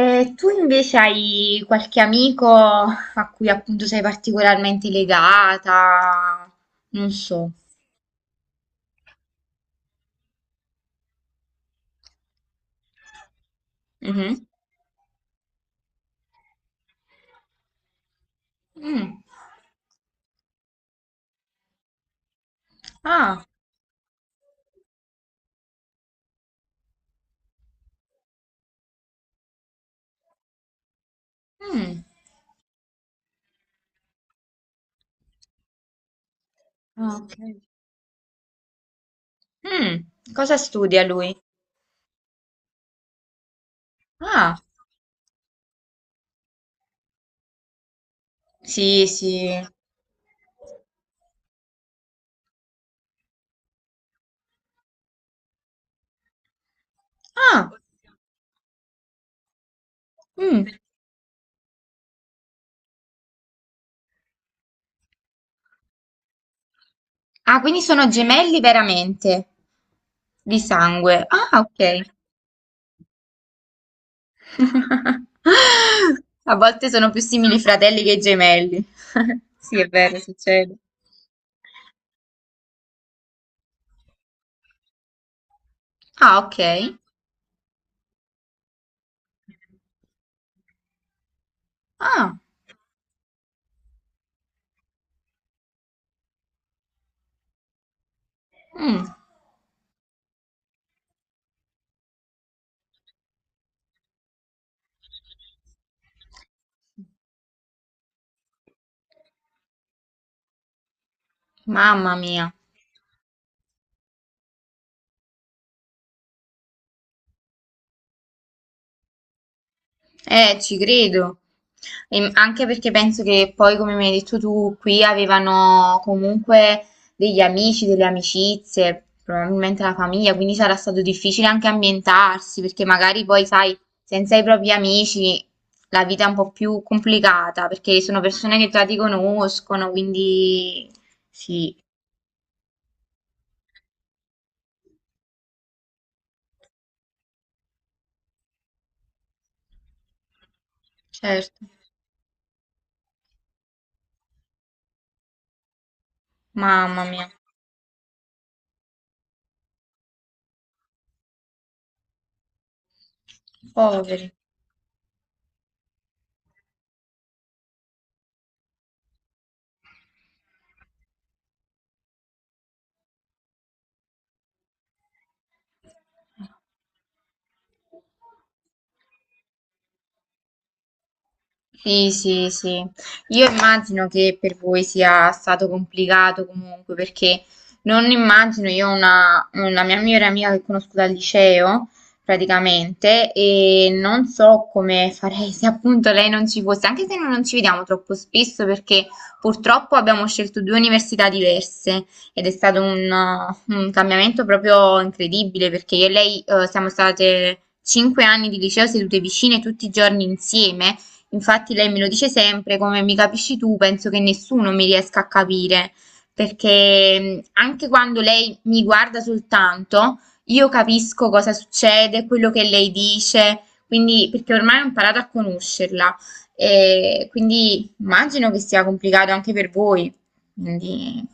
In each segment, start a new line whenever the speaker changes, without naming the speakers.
E tu invece hai qualche amico a cui appunto sei particolarmente legata? Non so. Mhm. Mm. Ah, mm. Ah, ok. Mm. Cosa studia lui? Ah, sì, sì. Ah, mm. Ah, quindi sono gemelli veramente, di sangue. Ah, ok. A volte sono più simili fratelli che gemelli. Sì, è vero, succede. Ah, ok. Ah, mm, mamma mia, ci credo. E anche perché penso che poi, come mi hai detto tu, qui avevano comunque degli amici, delle amicizie, probabilmente la famiglia, quindi sarà stato difficile anche ambientarsi, perché magari poi, sai, senza i propri amici la vita è un po' più complicata, perché sono persone che già ti conoscono, quindi sì, certo, mamma mia, poveri. Sì, sì, sì. Io immagino che per voi sia stato complicato comunque, perché non immagino, io ho una mia migliore amica che conosco dal liceo, praticamente, e non so come farei se appunto lei non ci fosse, anche se noi non ci vediamo troppo spesso, perché purtroppo abbiamo scelto due università diverse ed è stato un cambiamento proprio incredibile, perché io e lei, siamo state 5 anni di liceo sedute vicine tutti i giorni insieme. Infatti lei me lo dice sempre, come mi capisci tu, penso che nessuno mi riesca a capire, perché anche quando lei mi guarda soltanto, io capisco cosa succede, quello che lei dice, quindi perché ormai ho imparato a conoscerla. E quindi immagino che sia complicato anche per voi. Quindi...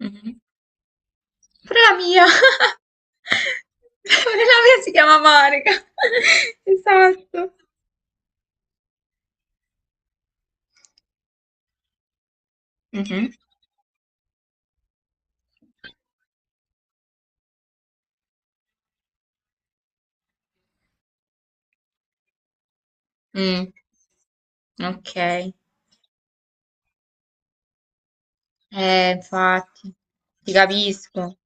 Mhm. Pure la mia. Pure la mia si chiama Monica. Esatto. Mhm. Mm, ok, infatti, ti capisco.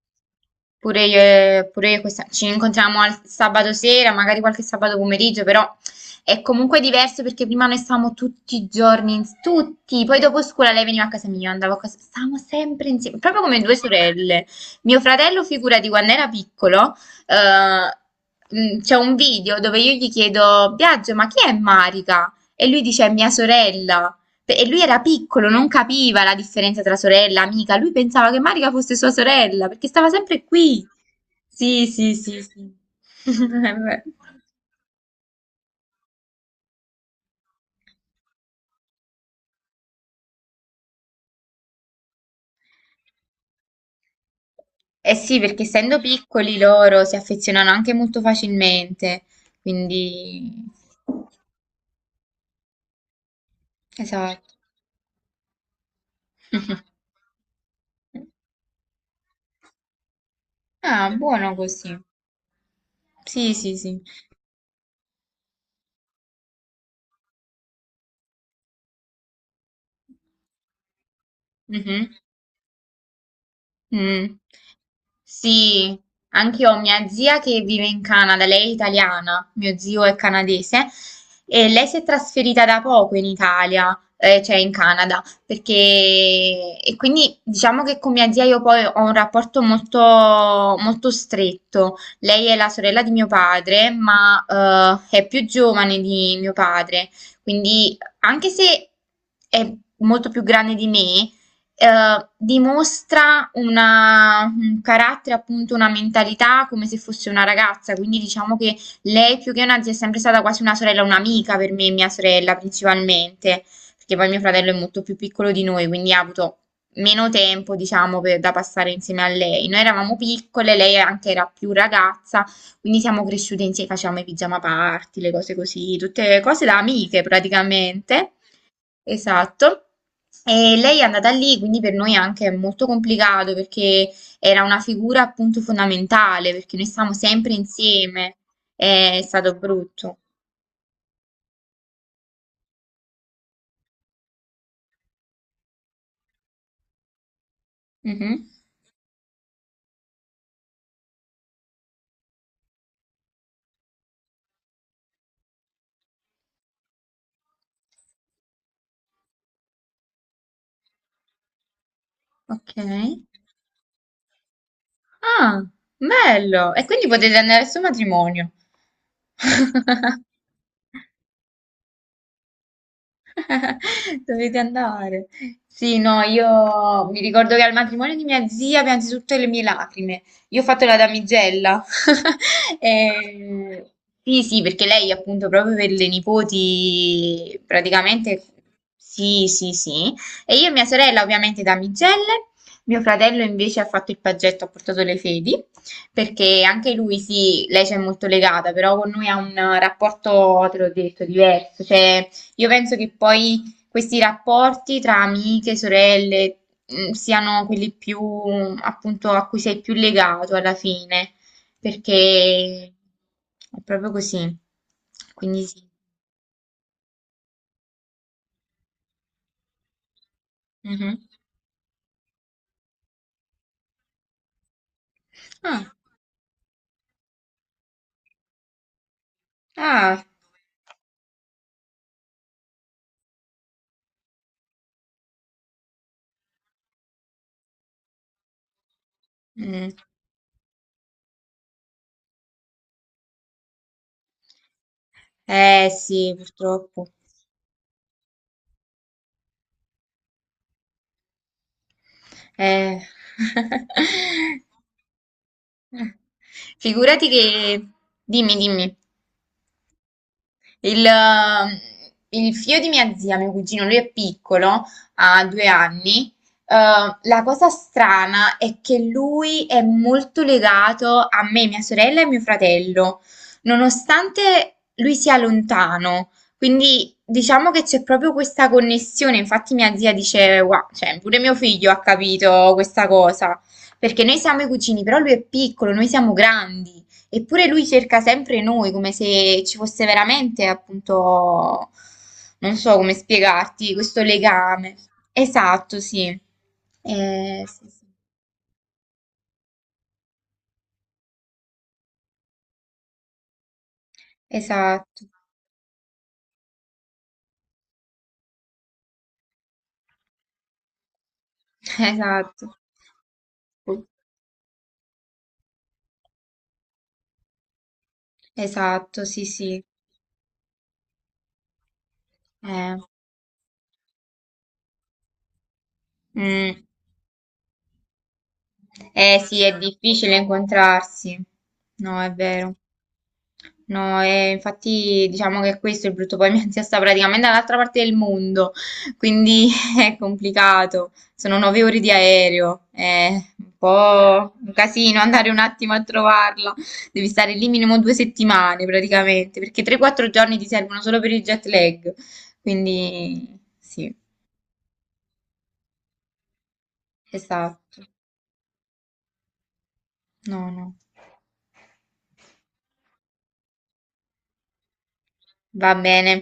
Pure io, pure io ci incontriamo al sabato sera, magari qualche sabato pomeriggio, però è comunque diverso perché prima noi stavamo tutti i giorni, tutti, poi dopo scuola lei veniva a casa mia, io andavo a casa, stavamo sempre insieme, proprio come due sorelle. Mio fratello, figurati, quando era piccolo, eh, c'è un video dove io gli chiedo, Biagio, ma chi è Marica? E lui dice, è mia sorella. E lui era piccolo, non capiva la differenza tra sorella e amica. Lui pensava che Marica fosse sua sorella, perché stava sempre qui. Sì, sì, sì, sì. Eh sì, perché essendo piccoli loro si affezionano anche molto facilmente. Quindi, esatto. Ah, buono così. Sì, sì, sì. Mhm. Mm. Sì, anche io ho mia zia che vive in Canada, lei è italiana, mio zio è canadese e lei si è trasferita da poco in Italia, cioè in Canada, perché e quindi diciamo che con mia zia io poi ho un rapporto molto, molto stretto. Lei è la sorella di mio padre, ma è più giovane di mio padre, quindi anche se è molto più grande di me dimostra un carattere, appunto una mentalità come se fosse una ragazza, quindi diciamo che lei più che una zia è sempre stata quasi una sorella, un'amica per me e mia sorella principalmente, perché poi mio fratello è molto più piccolo di noi, quindi ha avuto meno tempo, diciamo, da passare insieme a lei. Noi eravamo piccole, lei anche era più ragazza, quindi siamo cresciute insieme, facevamo i pigiama party, le cose così, tutte cose da amiche praticamente. Esatto. E lei è andata lì, quindi per noi anche è molto complicato perché era una figura appunto fondamentale, perché noi stavamo sempre insieme. È stato brutto. Mhm. Ok. Ah, bello. E quindi potete andare al suo matrimonio. Dovete andare. Sì, no, io mi ricordo che al matrimonio di mia zia piansi tutte le mie lacrime. Io ho fatto la damigella. E- Sì, sì, perché lei appunto proprio per le nipoti praticamente... Sì, sì, sì. E io e mia sorella ovviamente damigelle. Mio fratello invece ha fatto il paggetto, ha portato le fedi, perché anche lui, sì, lei c'è molto legata, però con noi ha un rapporto, te l'ho detto, diverso. Cioè, io penso che poi questi rapporti tra amiche, sorelle, siano quelli più, appunto, a cui sei più legato alla fine, perché è proprio così. Quindi sì. Mhm. Ah, ah. Mm. Eh sì, purtroppo. Eh. Figurati che... Dimmi, dimmi. Il, ehm, il figlio di mia zia, mio cugino, lui è piccolo, ha 2 anni. Eh, la cosa strana è che lui è molto legato a me, mia sorella e mio fratello, nonostante lui sia lontano. Quindi diciamo che c'è proprio questa connessione. Infatti, mia zia dice: Wow, cioè, pure mio figlio ha capito questa cosa. Perché noi siamo i cugini, però lui è piccolo, noi siamo grandi. Eppure lui cerca sempre noi, come se ci fosse veramente, appunto, non so come spiegarti, questo legame. Esatto, sì. Sì, sì. Esatto, esatto. Esatto, sì, sì. Eh, mm. Sì, è difficile incontrarsi. No, è vero. No, e infatti diciamo che questo è il brutto, poi mia zia sta praticamente dall'altra parte del mondo, quindi è complicato, sono 9 ore di aereo, è un po' un casino andare un attimo a trovarla, devi stare lì minimo 2 settimane praticamente, perché 3-4 giorni ti servono solo per il jet lag, quindi sì, esatto, no, no, va bene.